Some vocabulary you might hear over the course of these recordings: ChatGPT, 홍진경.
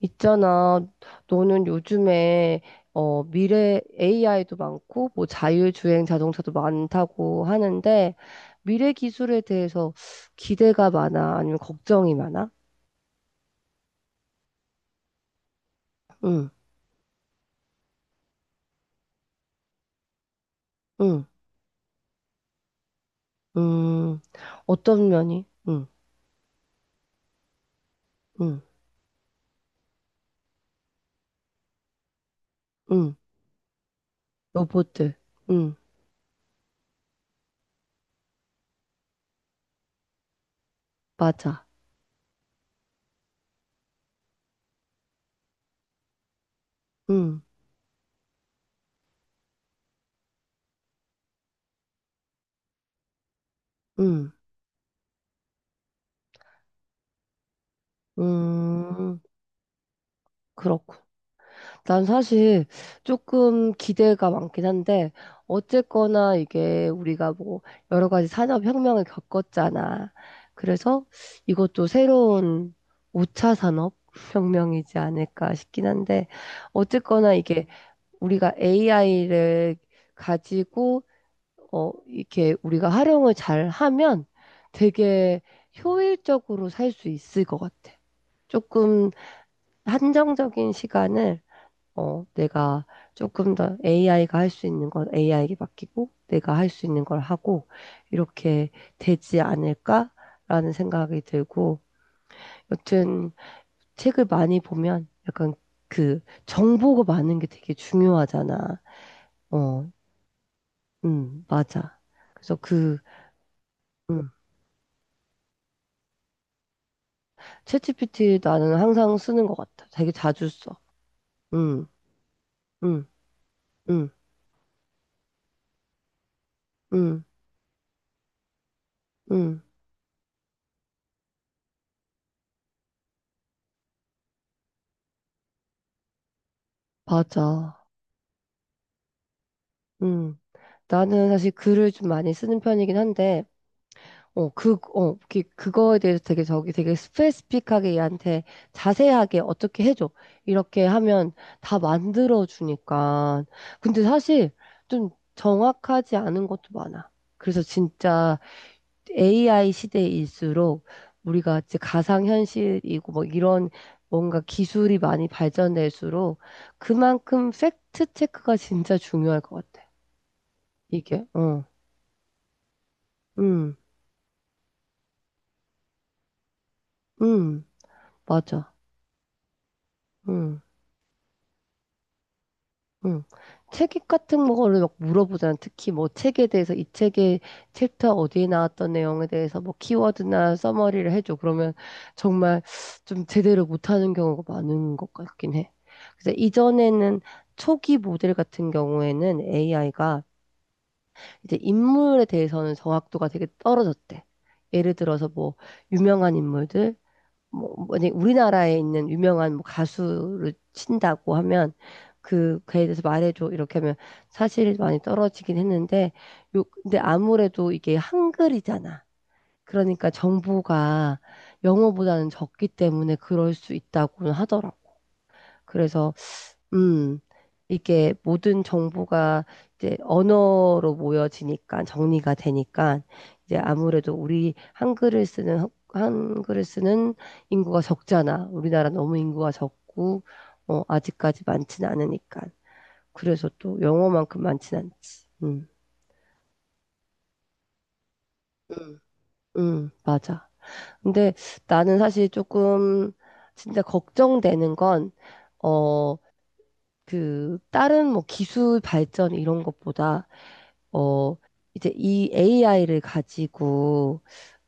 있잖아, 너는 요즘에 미래 AI도 많고 뭐 자율주행 자동차도 많다고 하는데 미래 기술에 대해서 기대가 많아? 아니면 걱정이 많아? 응. 응. 음. 어떤 면이? 응. 응. 응. 로봇들. 응. 맞아. 응. 응. 음. 그렇구나. 난 사실 조금 기대가 많긴 한데, 어쨌거나 이게 우리가 뭐 여러 가지 산업혁명을 겪었잖아. 그래서 이것도 새로운 5차 산업혁명이지 않을까 싶긴 한데, 어쨌거나 이게 우리가 AI를 가지고, 이렇게 우리가 활용을 잘 하면 되게 효율적으로 살 수 있을 것 같아. 조금 한정적인 시간을, 내가 조금 더 AI가 할 수 있는 건 AI에게 맡기고 내가 할 수 있는 걸 하고 이렇게 되지 않을까라는 생각이 들고, 여튼 책을 많이 보면 약간 그 정보가 많은 게 되게 중요하잖아. 어, 맞아. 그래서 그 음, 챗GPT 나는 항상 쓰는 것 같아. 되게 자주 써. 음. 음. 음. 음. 음, 맞아. 음. 나는 사실 글을 좀 많이 쓰는 편이긴 한데, 그거에 대해서 되게 저기 되게 스페시픽하게 얘한테 자세하게 어떻게 해줘. 이렇게 하면 다 만들어주니까. 근데 사실 좀 정확하지 않은 것도 많아. 그래서 진짜 AI 시대일수록 우리가 이제 가상현실이고 뭐 이런 뭔가 기술이 많이 발전될수록 그만큼 팩트 체크가 진짜 중요할 것 같아. 이게, 어, 음. 음, 맞아. 음. 응. 책 같은 거를 막 물어보잖아. 특히 뭐 책에 대해서 이 책의 챕터 어디에 나왔던 내용에 대해서 뭐 키워드나 서머리를 해줘. 그러면 정말 좀 제대로 못하는 경우가 많은 것 같긴 해. 그래서 이전에는 초기 모델 같은 경우에는 AI가 이제 인물에 대해서는 정확도가 되게 떨어졌대. 예를 들어서 뭐 유명한 인물들, 뭐, 만약에 우리나라에 있는 유명한 뭐 가수를 친다고 하면 그에 대해서 말해줘 이렇게 하면 사실 많이 떨어지긴 했는데, 요 근데 아무래도 이게 한글이잖아. 그러니까 정보가 영어보다는 적기 때문에 그럴 수 있다고는 하더라고. 그래서 음. 이게 모든 정보가 이제 언어로 모여지니까 정리가 되니까 이제 아무래도 우리 한글을 쓰는 인구가 적잖아. 우리나라 너무 인구가 적고, 아직까지 많진 않으니까. 그래서 또 영어만큼 많진 않지. 음. 음. 맞아. 근데 나는 사실 조금 진짜 걱정되는 건, 어, 그 다른 뭐 기술 발전 이런 것보다, 어, 이제 이 AI를 가지고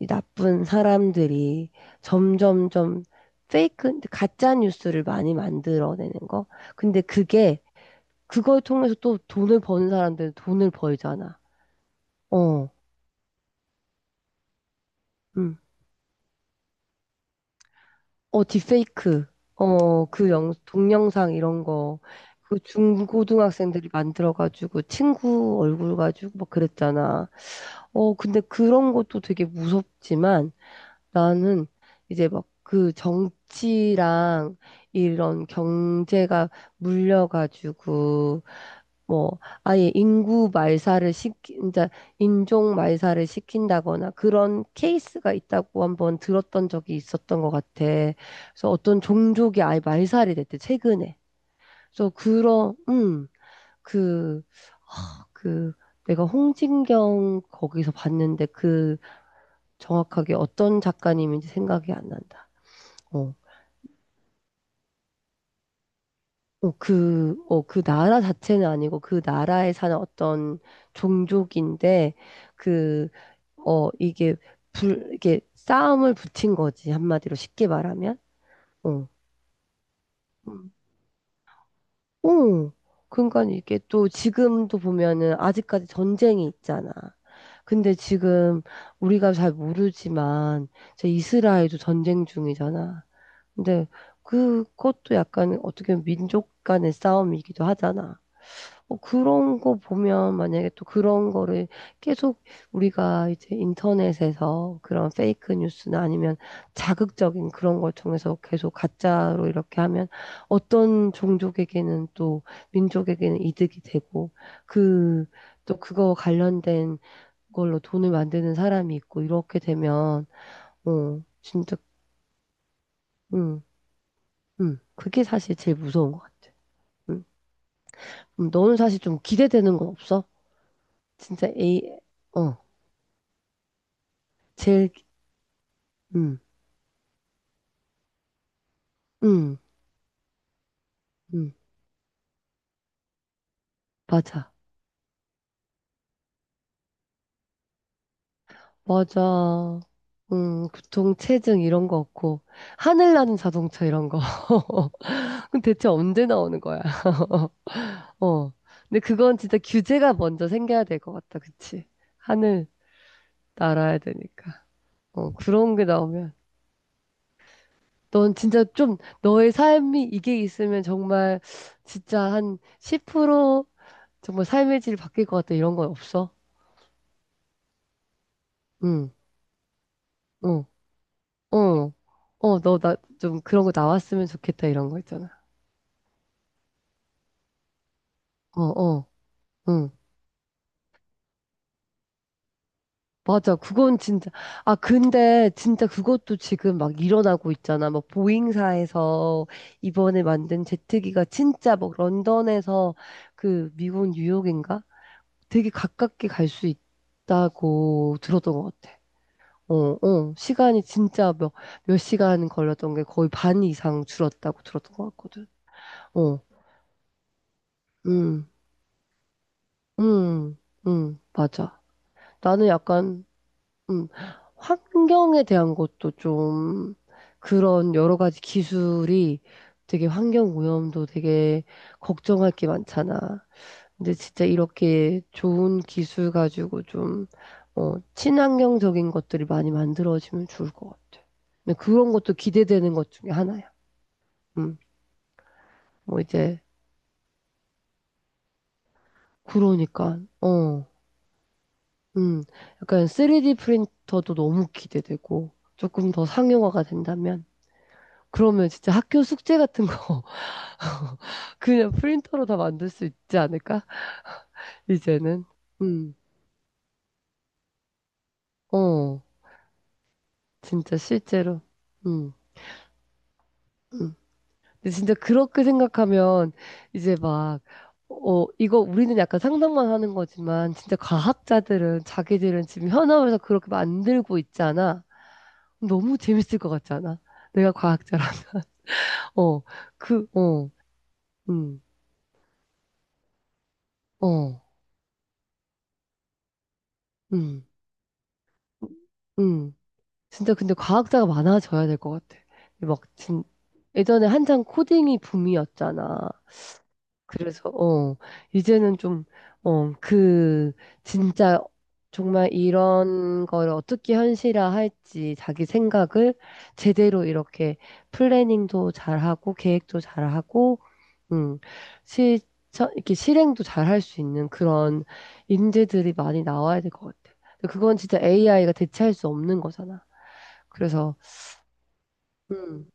이 나쁜 사람들이 점점 점 페이크, 가짜 뉴스를 많이 만들어내는 거. 근데 그게, 그걸 통해서 또 돈을 버는 사람들은 돈을 벌잖아. 어. 음. 어, 딥페이크. 동영상 이런 거. 그 중고등학생들이 만들어가지고 친구 얼굴 가지고 막 그랬잖아. 어, 근데 그런 것도 되게 무섭지만, 나는 이제 막 그 정치랑 이런 경제가 물려가지고 뭐 아예 인구 말살을 시키, 이제 인종 말살을 시킨다거나 그런 케이스가 있다고 한번 들었던 적이 있었던 것 같아. 그래서 어떤 종족이 아예 말살이 됐대, 최근에. 그래서 그런, 그, 아, 그, 내가 홍진경 거기서 봤는데 그 정확하게 어떤 작가님인지 생각이 안 난다. 어. 어. 그 나라 자체는 아니고 그 나라에 사는 어떤 종족인데, 그, 이게, 이게 싸움을 붙인 거지. 한마디로 쉽게 말하면. 어. 음. 어. 그러니까 이게 또 지금도 보면은 아직까지 전쟁이 있잖아. 근데 지금 우리가 잘 모르지만 제 이스라엘도 전쟁 중이잖아. 근데 그것도 약간 어떻게 보면 민족 간의 싸움이기도 하잖아. 어, 그런 거 보면 만약에 또 그런 거를 계속 우리가 이제 인터넷에서 그런 페이크 뉴스나 아니면 자극적인 그런 걸 통해서 계속 가짜로 이렇게 하면 어떤 종족에게는 또 민족에게는 이득이 되고 그 또 그거 관련된 걸로 돈을 만드는 사람이 있고 이렇게 되면 어 진짜. 음. 그게 사실 제일 무서운 것 같아. 음. 너는 사실 좀 기대되는 건 없어? 진짜 A. 어. 제일. 응. 응. 응, 맞아. 맞아. 응, 교통체증 이런 거 없고, 하늘 나는 자동차 이런 거. 그럼 대체 언제 나오는 거야? 어. 근데 그건 진짜 규제가 먼저 생겨야 될 것 같다, 그치? 하늘 날아야 되니까. 어, 그런 게 나오면. 넌 진짜 좀, 너의 삶이 이게 있으면 정말, 진짜 한 10% 정말 삶의 질이 바뀔 것 같다, 이런 건 없어? 응. 어. 어, 너 나 좀 그런 거 나왔으면 좋겠다 이런 거 있잖아. 어. 어. 응. 맞아. 그건 진짜. 아, 근데 진짜 그것도 지금 막 일어나고 있잖아. 막 보잉사에서 이번에 만든 제트기가 진짜 막 런던에서 그 미국 뉴욕인가? 되게 가깝게 갈 수 있다고 들었던 것 같아. 어. 어. 몇 시간 걸렸던 게 거의 반 이상 줄었다고 들었던 것 같거든. 어. 음. 음. 맞아. 나는 약간, 음, 환경에 대한 것도 좀, 그런 여러 가지 기술이 되게 환경 오염도 되게 걱정할 게 많잖아. 근데 진짜 이렇게 좋은 기술 가지고 좀, 어, 친환경적인 것들이 많이 만들어지면 좋을 것 같아. 근데 그런 것도 기대되는 것 중에 하나야. 음, 뭐 이제, 그러니까, 어, 음, 약간 3D 프린터도 너무 기대되고, 조금 더 상용화가 된다면, 그러면 진짜 학교 숙제 같은 거 그냥 프린터로 다 만들 수 있지 않을까? 이제는. 음. 어. 진짜 실제로. 음. 음. 근데 진짜 그렇게 생각하면 이제 막, 이거 우리는 약간 상상만 하는 거지만 진짜 과학자들은 자기들은 지금 현업에서 그렇게 만들고 있잖아. 너무 재밌을 것 같지 않아? 내가 과학자라. 어. 그 어. 음. 어. 음. 음. 진짜 근데 과학자가 많아져야 될 것 같아. 막 진, 예전에 한창 코딩이 붐이었잖아. 그래서 어 이제는 좀 어 그 진짜 정말 이런 거를 어떻게 현실화할지 자기 생각을 제대로 이렇게 플래닝도 잘하고 계획도 잘하고 음 실천 이렇게 실행도 잘할 수 있는 그런 인재들이 많이 나와야 될 것 같아. 근데 그건 진짜 AI가 대체할 수 없는 거잖아. 그래서 음.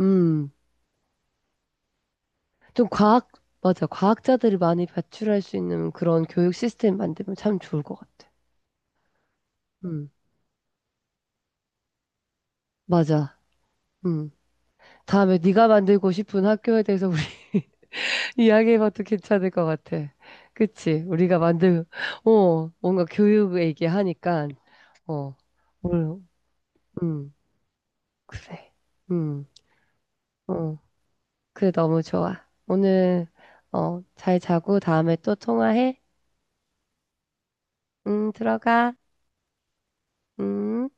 음. 좀 과학, 맞아. 과학자들이 많이 배출할 수 있는 그런 교육 시스템 만들면 참 좋을 것 같아. 음, 맞아. 음. 다음에 네가 만들고 싶은 학교에 대해서 우리 이야기해봐도 괜찮을 것 같아. 그치? 뭔가 교육 얘기하니까, 어, 뭘, 음, 그래. 음. 어, 그래, 너무 좋아. 오늘, 어, 잘 자고 다음에 또 통화해. 들어가. 음.